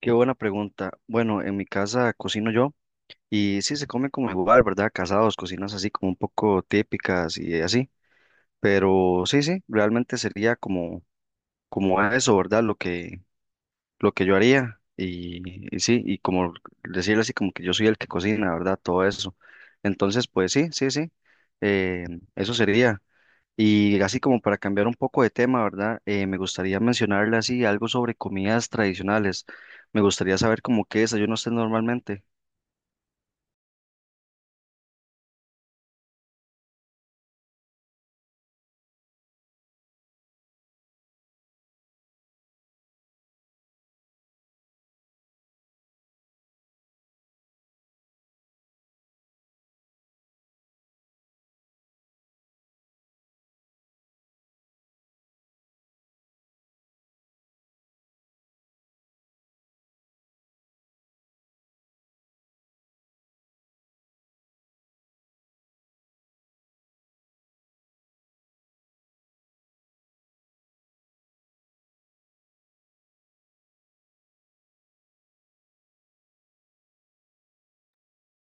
Qué buena pregunta. Bueno, en mi casa cocino yo y sí se come como igual, ¿verdad? Casados, cocinas así como un poco típicas y así. Pero sí, sí, realmente sería como, como a eso, ¿verdad? Lo que yo haría y sí, y como decirle así como que yo soy el que cocina, ¿verdad? Todo eso. Entonces, pues sí, sí, sí. eh, Eso sería. Y así como para cambiar un poco de tema, ¿verdad? Me gustaría mencionarle así algo sobre comidas tradicionales. Me gustaría saber como qué desayuno usted normalmente.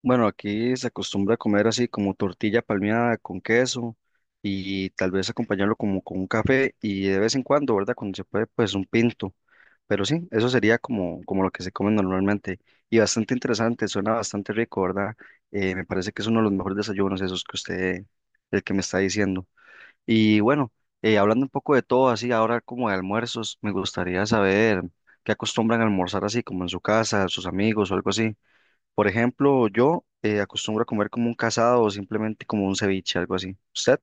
Bueno, aquí se acostumbra a comer así como tortilla palmeada con queso y tal vez acompañarlo como con un café y de vez en cuando, ¿verdad? Cuando se puede, pues un pinto. Pero sí, eso sería como, como lo que se come normalmente. Y bastante interesante, suena bastante rico, ¿verdad? Me parece que es uno de los mejores desayunos esos que usted, el que me está diciendo. Y bueno, hablando un poco de todo, así ahora como de almuerzos, me gustaría saber qué acostumbran a almorzar así como en su casa, sus amigos o algo así. Por ejemplo, yo acostumbro a comer como un casado o simplemente como un ceviche, algo así. ¿Usted?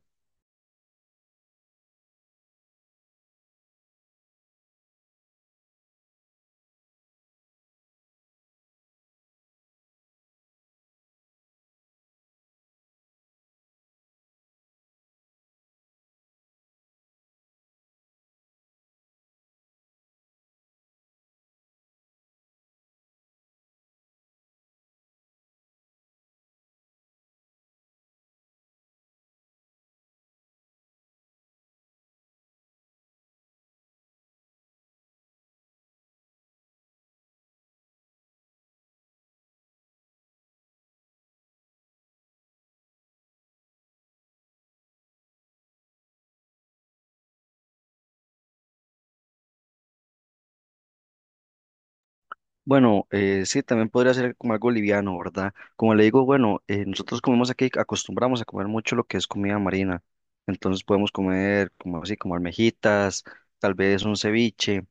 Bueno, sí, también podría ser como algo liviano, ¿verdad? Como le digo, bueno, nosotros comemos aquí, acostumbramos a comer mucho lo que es comida marina. Entonces podemos comer como así, como almejitas, tal vez un ceviche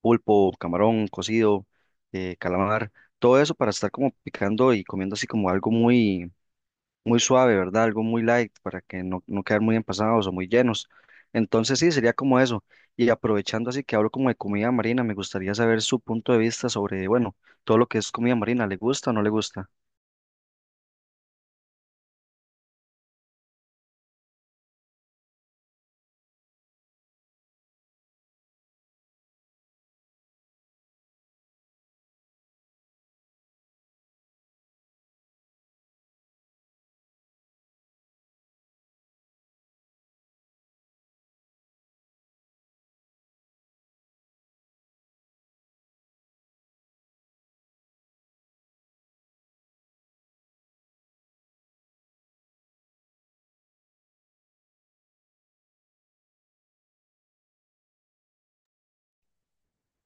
pulpo, camarón cocido, calamar, todo eso para estar como picando y comiendo así como algo muy, muy suave, ¿verdad? Algo muy light para que no, no quedar muy empasados o muy llenos. Entonces sí, sería como eso. Y aprovechando así que hablo como de comida marina, me gustaría saber su punto de vista sobre, bueno, todo lo que es comida marina, ¿le gusta o no le gusta?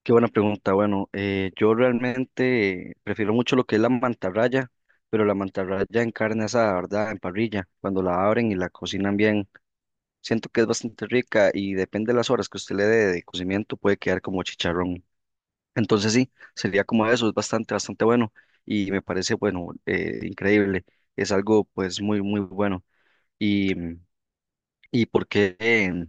Qué buena pregunta. Bueno, yo realmente prefiero mucho lo que es la mantarraya, pero la mantarraya en carne asada, ¿verdad? En parrilla, cuando la abren y la cocinan bien. Siento que es bastante rica y depende de las horas que usted le dé de cocimiento, puede quedar como chicharrón. Entonces sí, sería como eso, es bastante, bastante bueno y me parece, bueno, increíble. Es algo pues muy, muy bueno. Y, y porque,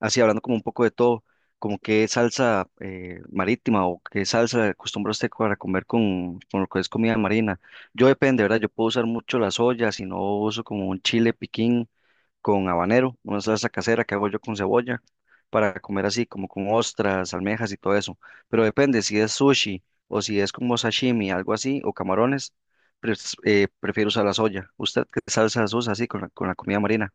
así hablando como un poco de todo, como qué salsa marítima o qué salsa acostumbra usted para comer con lo que es comida marina. Yo depende, ¿verdad? Yo puedo usar mucho la soya, si no uso como un chile piquín con habanero, una salsa casera que hago yo con cebolla, para comer así como con ostras, almejas y todo eso. Pero depende si es sushi o si es como sashimi, algo así, o camarones, prefiero usar la soya. ¿Usted qué salsas usa así con la comida marina?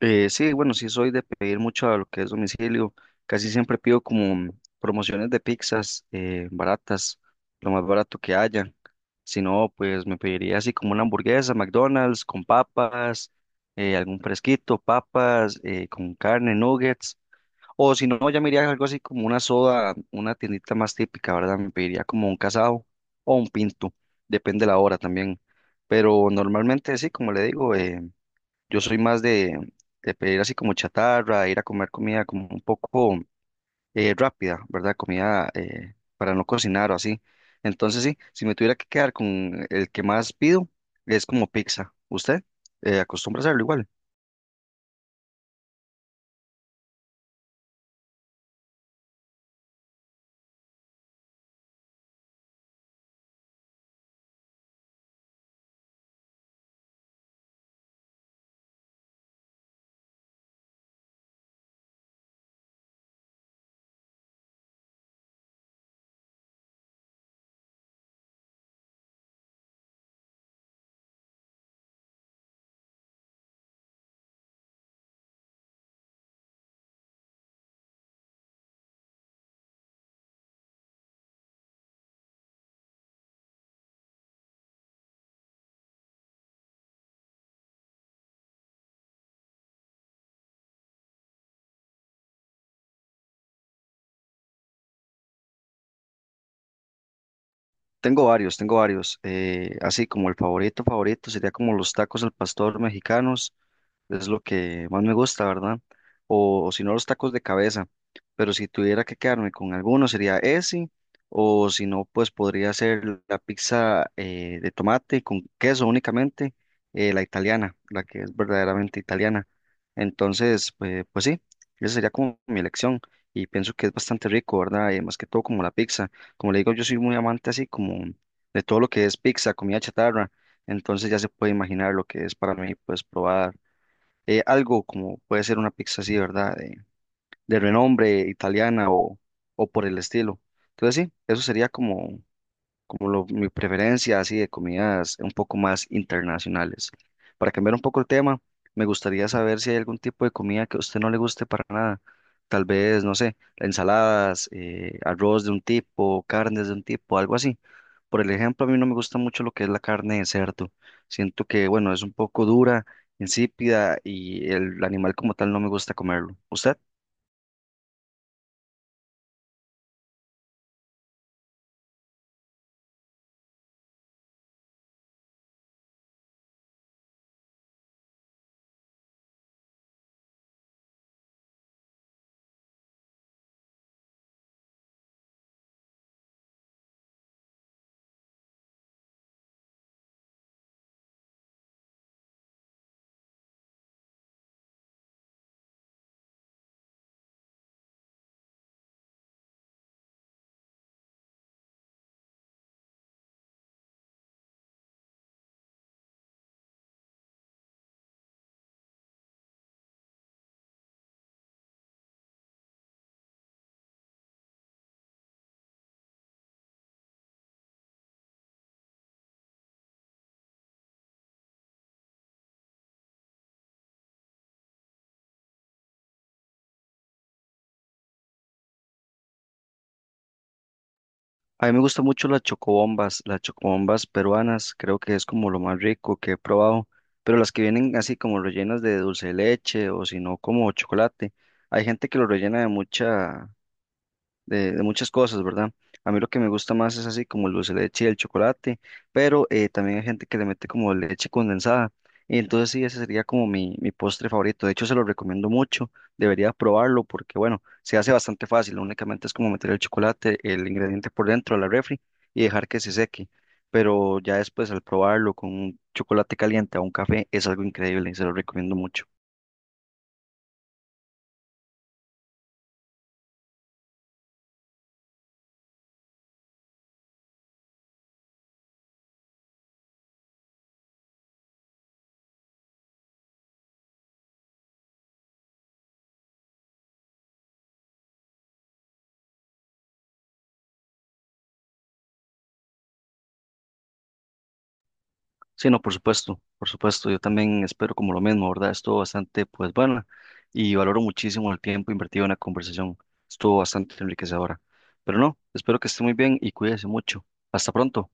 Sí, bueno, sí soy de pedir mucho a lo que es domicilio. Casi siempre pido como promociones de pizzas baratas, lo más barato que haya. Si no, pues me pediría así como una hamburguesa, McDonald's con papas, algún fresquito, papas con carne, nuggets. O si no, ya me iría algo así como una soda, una tiendita más típica, ¿verdad? Me pediría como un casado o un pinto, depende de la hora también. Pero normalmente sí, como le digo, yo soy más de pedir así como chatarra, ir a comer comida como un poco rápida, ¿verdad? Comida para no cocinar o así. Entonces sí, si me tuviera que quedar con el que más pido, es como pizza. ¿Usted acostumbra a hacerlo igual? Tengo varios, tengo varios. Así como el favorito, favorito sería como los tacos al pastor mexicanos. Es lo que más me gusta, ¿verdad? O si no, los tacos de cabeza. Pero si tuviera que quedarme con alguno, sería ese. O si no, pues podría ser la pizza de tomate con queso únicamente, la italiana, la que es verdaderamente italiana. Entonces, pues, pues sí, esa sería como mi elección. Y pienso que es bastante rico, ¿verdad? Más que todo como la pizza. Como le digo, yo soy muy amante así como de todo lo que es pizza, comida chatarra. Entonces ya se puede imaginar lo que es para mí, pues probar algo como puede ser una pizza así, ¿verdad? De renombre italiana o por el estilo. Entonces sí, eso sería como, como lo- mi preferencia así de comidas un poco más internacionales. Para cambiar un poco el tema, me gustaría saber si hay algún tipo de comida que a usted no le guste para nada. Tal vez, no sé, ensaladas, arroz de un tipo, carnes de un tipo, algo así. Por el ejemplo, a mí no me gusta mucho lo que es la carne de cerdo. Siento que, bueno, es un poco dura, insípida y el animal como tal no me gusta comerlo. ¿Usted? A mí me gustan mucho las chocobombas peruanas, creo que es como lo más rico que he probado, pero las que vienen así como rellenas de dulce de leche o si no como chocolate. Hay gente que lo rellena de mucha, de muchas cosas, ¿verdad? A mí lo que me gusta más es así como el dulce de leche y el chocolate, pero también hay gente que le mete como leche condensada. Y entonces sí, ese sería como mi postre favorito. De hecho, se lo recomiendo mucho. Debería probarlo porque, bueno, se hace bastante fácil. Únicamente es como meter el chocolate, el ingrediente por dentro a la refri y dejar que se seque. Pero ya después al probarlo con un chocolate caliente o un café es algo increíble y se lo recomiendo mucho. Sí, no, por supuesto, por supuesto. Yo también espero como lo mismo, ¿verdad? Estuvo bastante, pues, bueno, y valoro muchísimo el tiempo invertido en la conversación. Estuvo bastante enriquecedora. Pero no, espero que esté muy bien y cuídese mucho. Hasta pronto.